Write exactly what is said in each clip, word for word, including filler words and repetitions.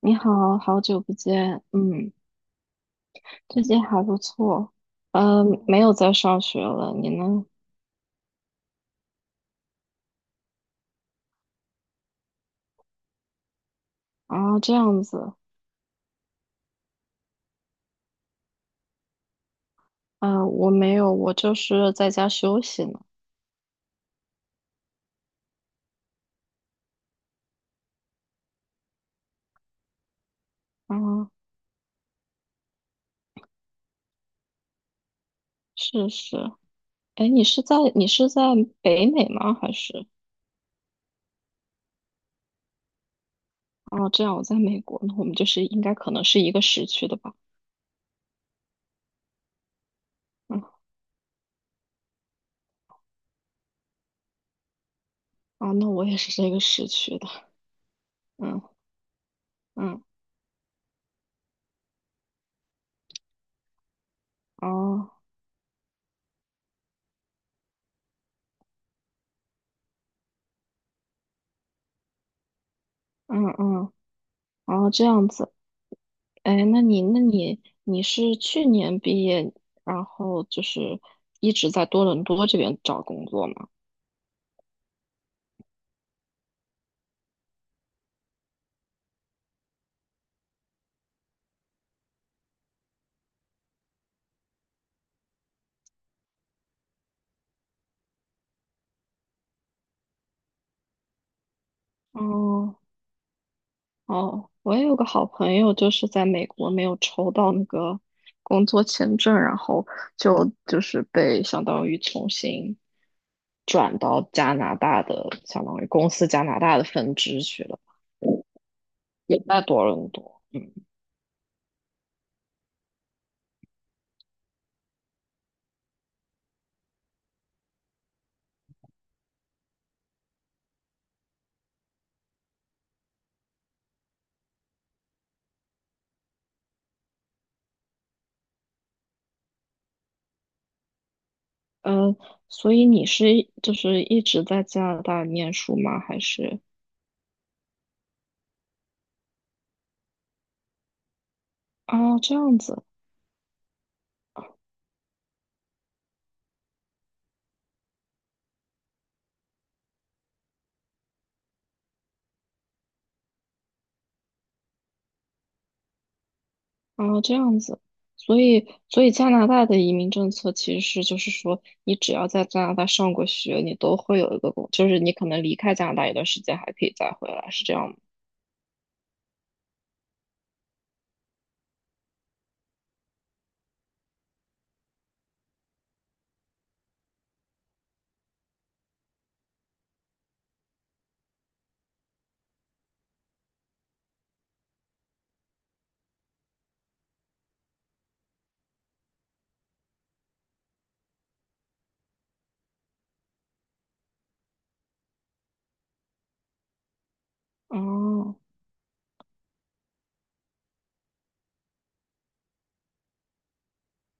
你好，好久不见，嗯，最近还不错。嗯，没有在上学了，你呢？啊，这样子。啊，我没有，我就是在家休息呢。啊，是是。哎，你是在你是在北美吗？还是？哦，这样，我在美国，那我们就是应该可能是一个时区的吧？嗯。啊，那我也是这个时区的。嗯嗯。哦。嗯嗯。哦，这样子。哎，那你那你你是去年毕业，然后就是一直在多伦多这边找工作吗？哦哦，我也有个好朋友，就是在美国没有抽到那个工作签证，然后就就是被相当于重新转到加拿大的，相当于公司加拿大的分支去了，也在多伦多。嗯。呃，所以你是就是一直在加拿大念书吗？还是？哦，这样子，哦，这样子。所以，所以加拿大的移民政策其实是，就是说，你只要在加拿大上过学，你都会有一个工，就是你可能离开加拿大一段时间，还可以再回来，是这样吗？哦。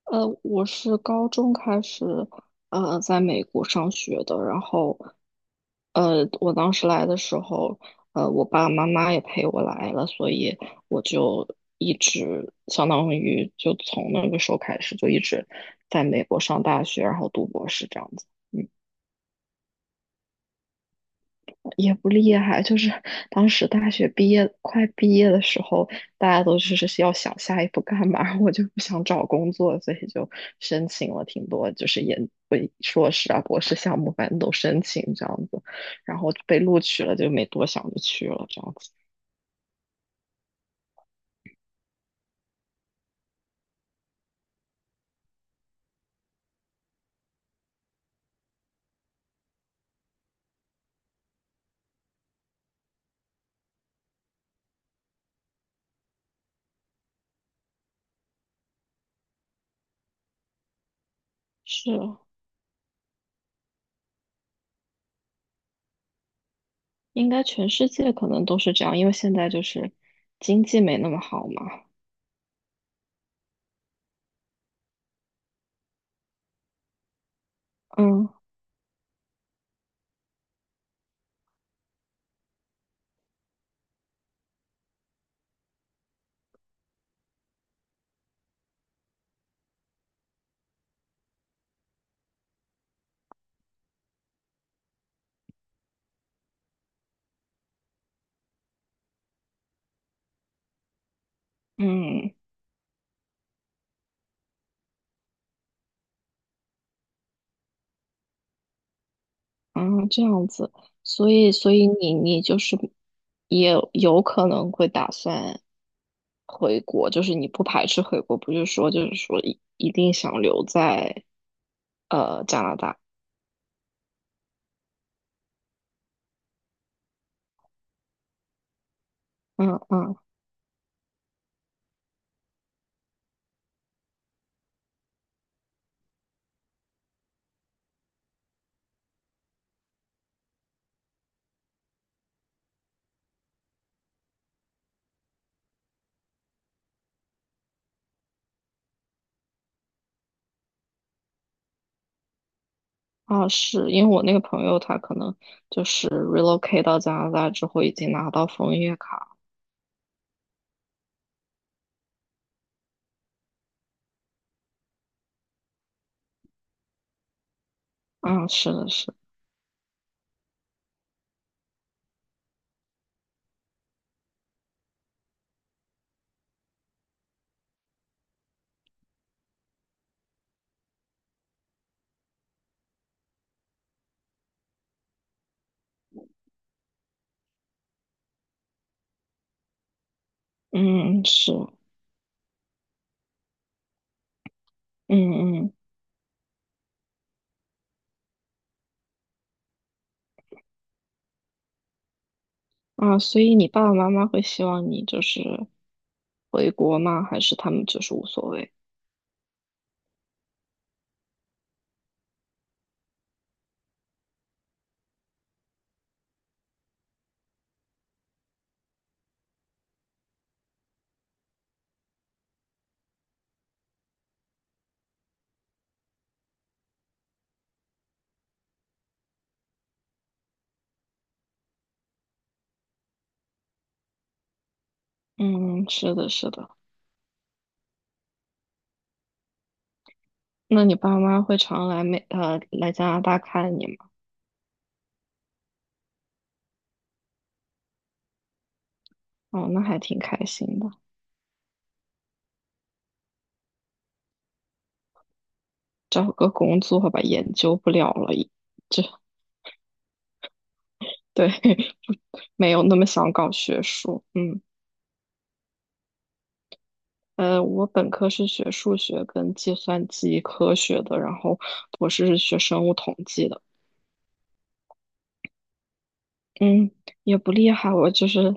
呃，我是高中开始，呃，在美国上学的。然后，呃，我当时来的时候，呃，我爸爸妈妈也陪我来了，所以我就一直相当于就从那个时候开始就一直在美国上大学，然后读博士这样子。嗯。也不厉害，就是当时大学毕业快毕业的时候，大家都就是要想下一步干嘛，我就不想找工作，所以就申请了挺多，就是研硕士啊、博士项目，反正都申请这样子，然后被录取了，就没多想就去了这样子。是。应该全世界可能都是这样，因为现在就是经济没那么好嘛。嗯嗯。啊，这样子，所以，所以你你就是也有可能会打算回国，就是你不排斥回国，不是说就是说一一定想留在呃加拿大。嗯嗯。啊，是因为我那个朋友他可能就是 relocate 到加拿大之后已经拿到枫叶卡。啊，是的是。嗯是。嗯嗯啊，所以你爸爸妈妈会希望你就是回国吗？还是他们就是无所谓？嗯，是的，是的。那你爸妈会常来美呃来加拿大看你吗？哦，那还挺开心的。找个工作吧，研究不了了已。对，没有那么想搞学术。嗯。呃，我本科是学数学跟计算机科学的，然后博士是学生物统计的。嗯，也不厉害，我就是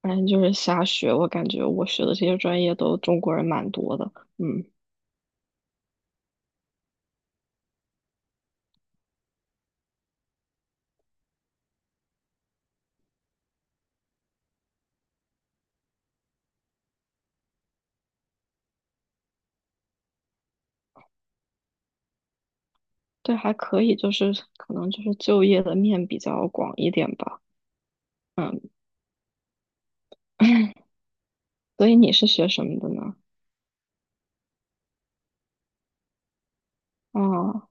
反正就是瞎学。我感觉我学的这些专业都中国人蛮多的。嗯，对，还可以，就是可能就是就业的面比较广一点吧。嗯。所以你是学什么的呢？啊，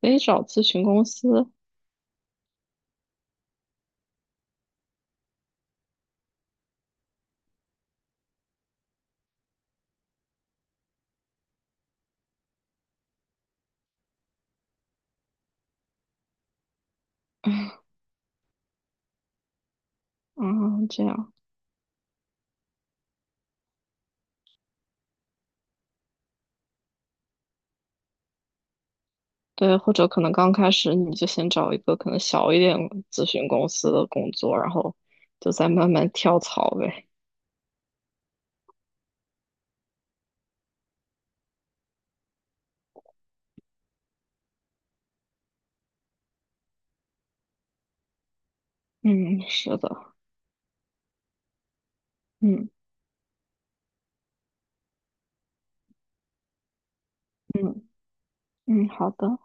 可以找咨询公司啊，这样对。或者可能刚开始你就先找一个可能小一点咨询公司的工作，然后就再慢慢跳槽呗。嗯，是的。嗯嗯嗯。好的。